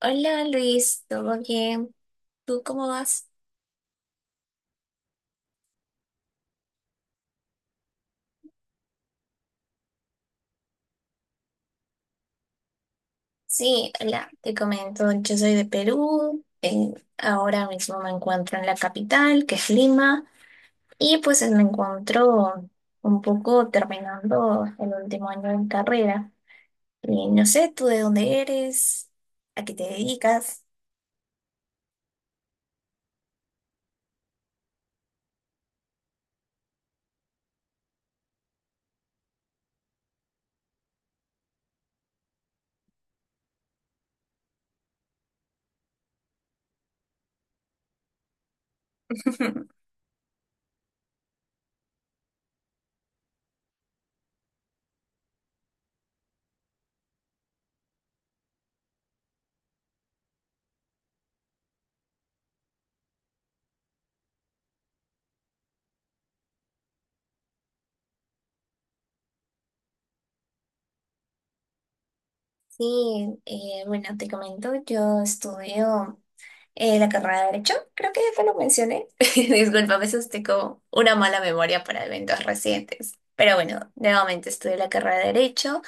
Hola Luis, ¿todo bien? ¿Tú cómo vas? Sí, hola, te comento, yo soy de Perú, ahora mismo me encuentro en la capital, que es Lima, y pues me encuentro un poco terminando el último año de carrera. Y no sé, ¿tú de dónde eres? ¿A qué te dedicas? Sí, bueno, te comento, yo estudio la carrera de Derecho, creo que ya te lo mencioné. Disculpa, a veces tengo una mala memoria para eventos recientes. Pero bueno, nuevamente estudio la carrera de Derecho.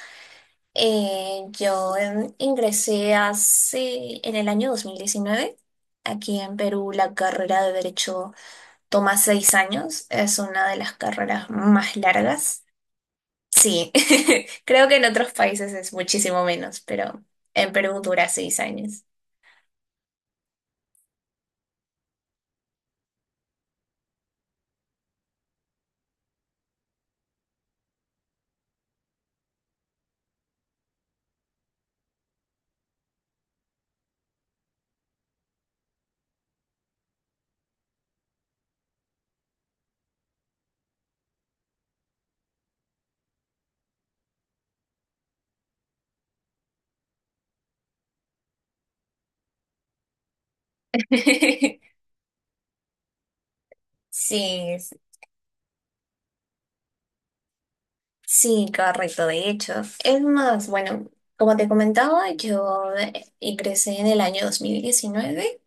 Yo ingresé en el año 2019. Aquí en Perú la carrera de Derecho toma 6 años, es una de las carreras más largas. Sí, creo que en otros países es muchísimo menos, pero en Perú dura 6 años. Sí, sí, correcto, de hecho. Es más, bueno, como te comentaba, yo ingresé en el año 2019.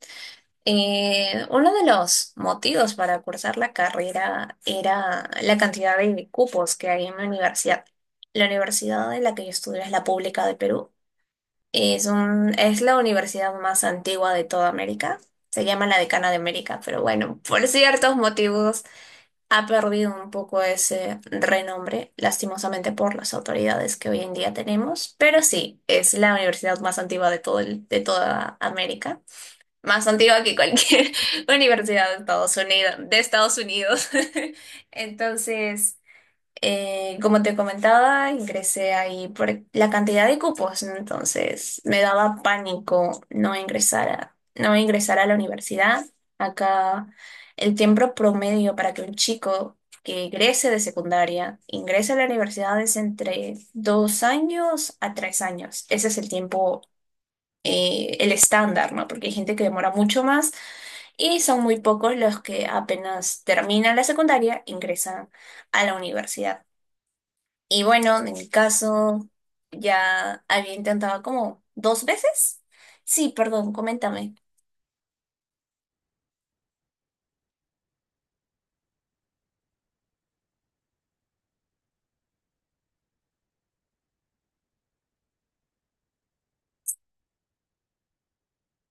Uno de los motivos para cursar la carrera era la cantidad de cupos que hay en la universidad. La universidad en la que yo estudio es la pública de Perú. Es la universidad más antigua de toda América. Se llama la Decana de América, pero bueno, por ciertos motivos ha perdido un poco ese renombre, lastimosamente por las autoridades que hoy en día tenemos. Pero sí, es la universidad más antigua de de toda América. Más antigua que cualquier universidad de Estados Unidos. Entonces. Como te comentaba, ingresé ahí por la cantidad de cupos, ¿no? Entonces me daba pánico no ingresar a la universidad. Acá el tiempo promedio para que un chico que egrese de secundaria ingrese a la universidad es entre 2 años a 3 años. Ese es el tiempo, el estándar, ¿no? Porque hay gente que demora mucho más y son muy pocos los que apenas terminan la secundaria ingresan a la universidad. Y bueno, en mi caso, ya había intentado como dos veces. Sí, perdón, coméntame.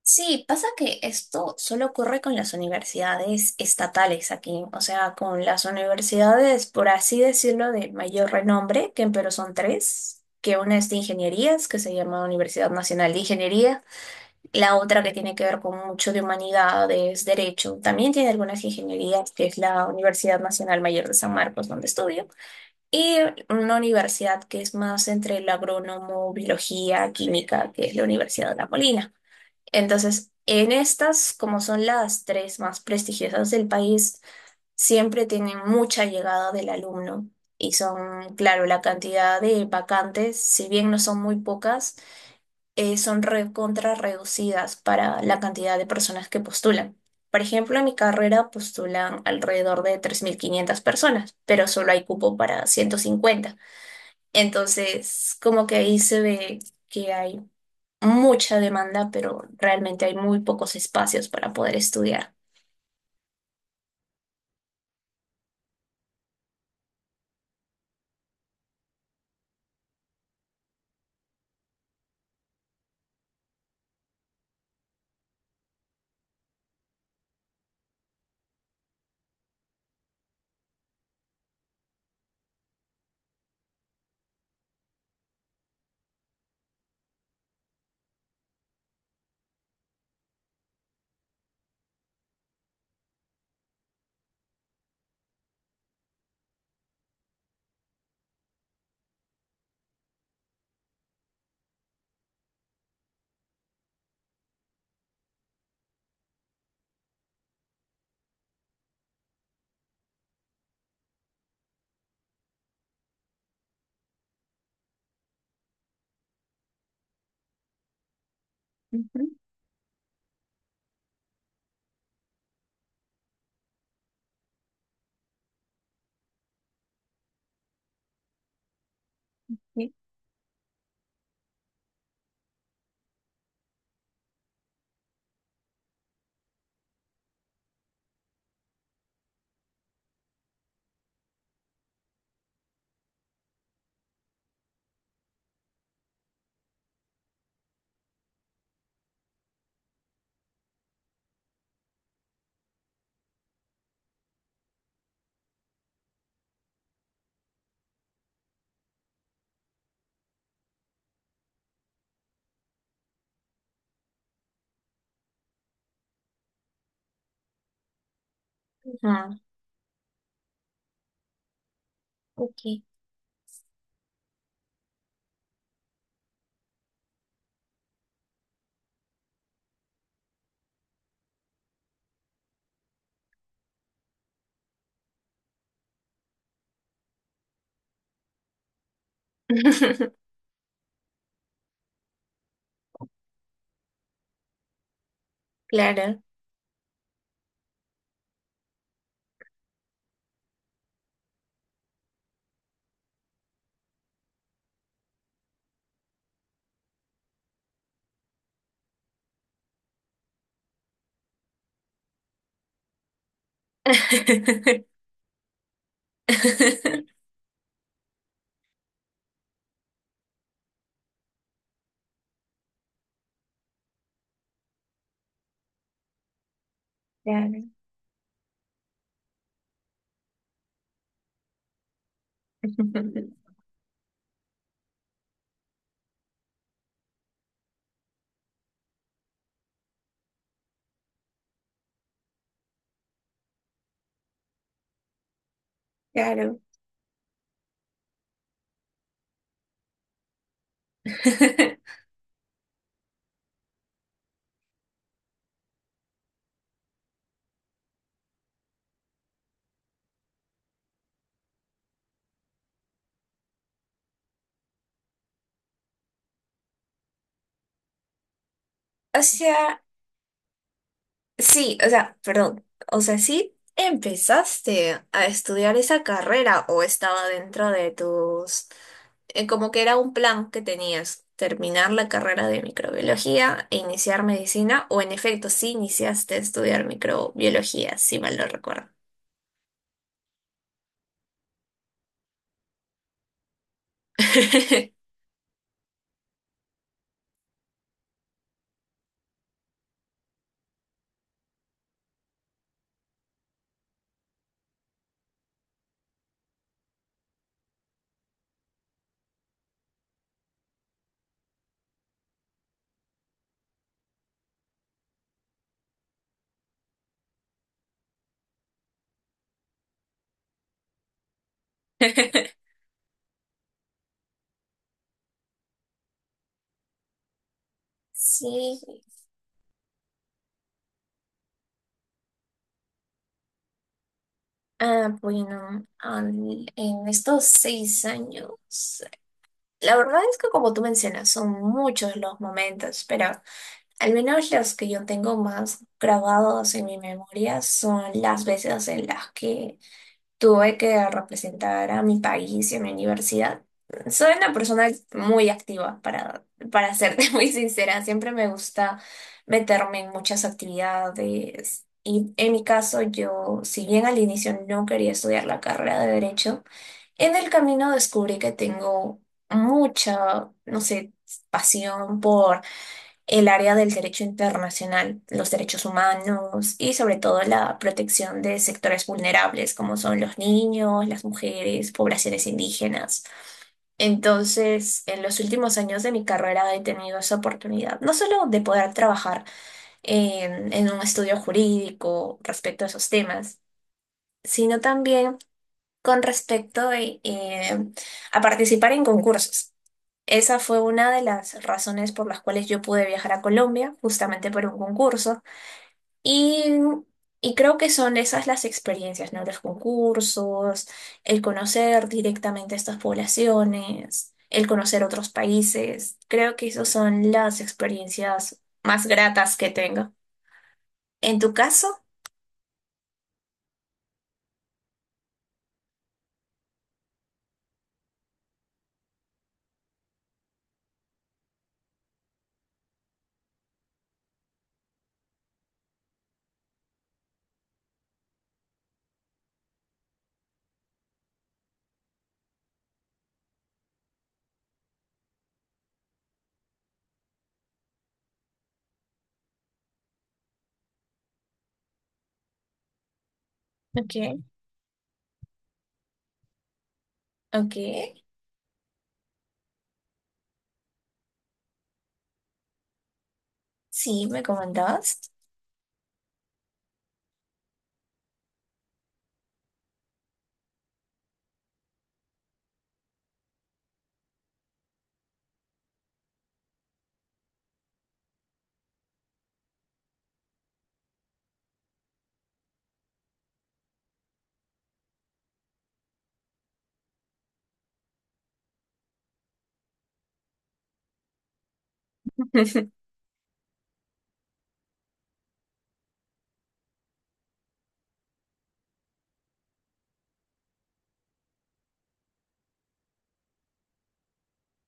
Sí, pasa que esto solo ocurre con las universidades estatales aquí, o sea, con las universidades, por así decirlo, de mayor renombre, que en Perú son tres, que una es de ingenierías, que se llama Universidad Nacional de Ingeniería, la otra que tiene que ver con mucho de humanidades, derecho, también tiene algunas ingenierías, que es la Universidad Nacional Mayor de San Marcos, donde estudio. Y una universidad que es más entre el agrónomo, biología, química, que es la Universidad de La Molina. Entonces, en estas, como son las tres más prestigiosas del país, siempre tienen mucha llegada del alumno. Y son, claro, la cantidad de vacantes, si bien no son muy pocas, son recontra reducidas para la cantidad de personas que postulan. Por ejemplo, en mi carrera postulan alrededor de 3500 personas, pero solo hay cupo para 150, entonces, como que ahí se ve que hay mucha demanda, pero realmente hay muy pocos espacios para poder estudiar. Ujú, sí. Ah, Ok, claro. Claro, claro. O sea, sí, o sea, perdón, o sea, sí empezaste a estudiar esa carrera o estaba dentro de tus, como que era un plan que tenías, terminar la carrera de microbiología e iniciar medicina, o en efecto, sí iniciaste a estudiar microbiología, si mal no recuerdo. Sí, ah, bueno, en estos 6 años, la verdad es que como tú mencionas, son muchos los momentos, pero al menos los que yo tengo más grabados en mi memoria son las veces en las que tuve que representar a mi país en la universidad. Soy una persona muy activa, para serte muy sincera. Siempre me gusta meterme en muchas actividades. Y en mi caso, yo, si bien al inicio no quería estudiar la carrera de Derecho, en el camino descubrí que tengo mucha, no sé, pasión por el área del derecho internacional, los derechos humanos y sobre todo la protección de sectores vulnerables como son los niños, las mujeres, poblaciones indígenas. Entonces, en los últimos años de mi carrera he tenido esa oportunidad, no solo de poder trabajar en un estudio jurídico respecto a esos temas, sino también con respecto a participar en concursos. Esa fue una de las razones por las cuales yo pude viajar a Colombia, justamente por un concurso. Y, y creo que son esas las experiencias, ¿no? Los concursos, el conocer directamente a estas poblaciones, el conocer otros países. Creo que esas son las experiencias más gratas que tengo. ¿En tu caso? Okay, okay. Sí, me comentabas.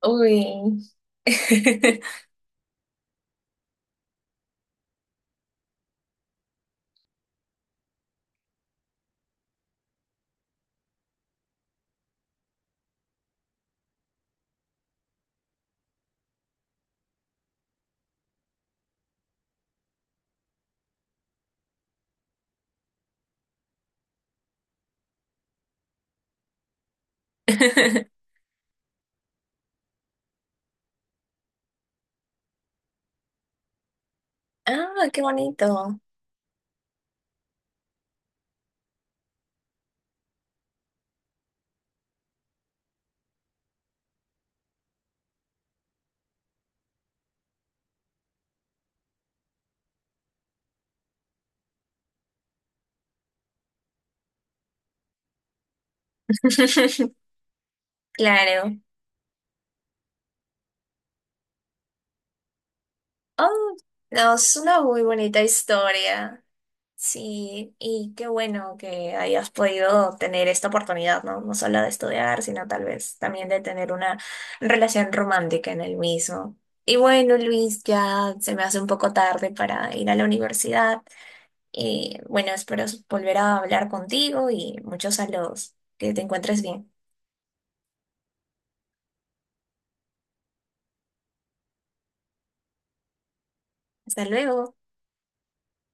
Uy. Ah, qué bonito. Claro. Oh, no, es una muy bonita historia. Sí, y qué bueno que hayas podido tener esta oportunidad, ¿no? No solo de estudiar, sino tal vez también de tener una relación romántica en el mismo. Y bueno, Luis, ya se me hace un poco tarde para ir a la universidad. Y bueno, espero volver a hablar contigo y muchos saludos. Que te encuentres bien. Hasta luego.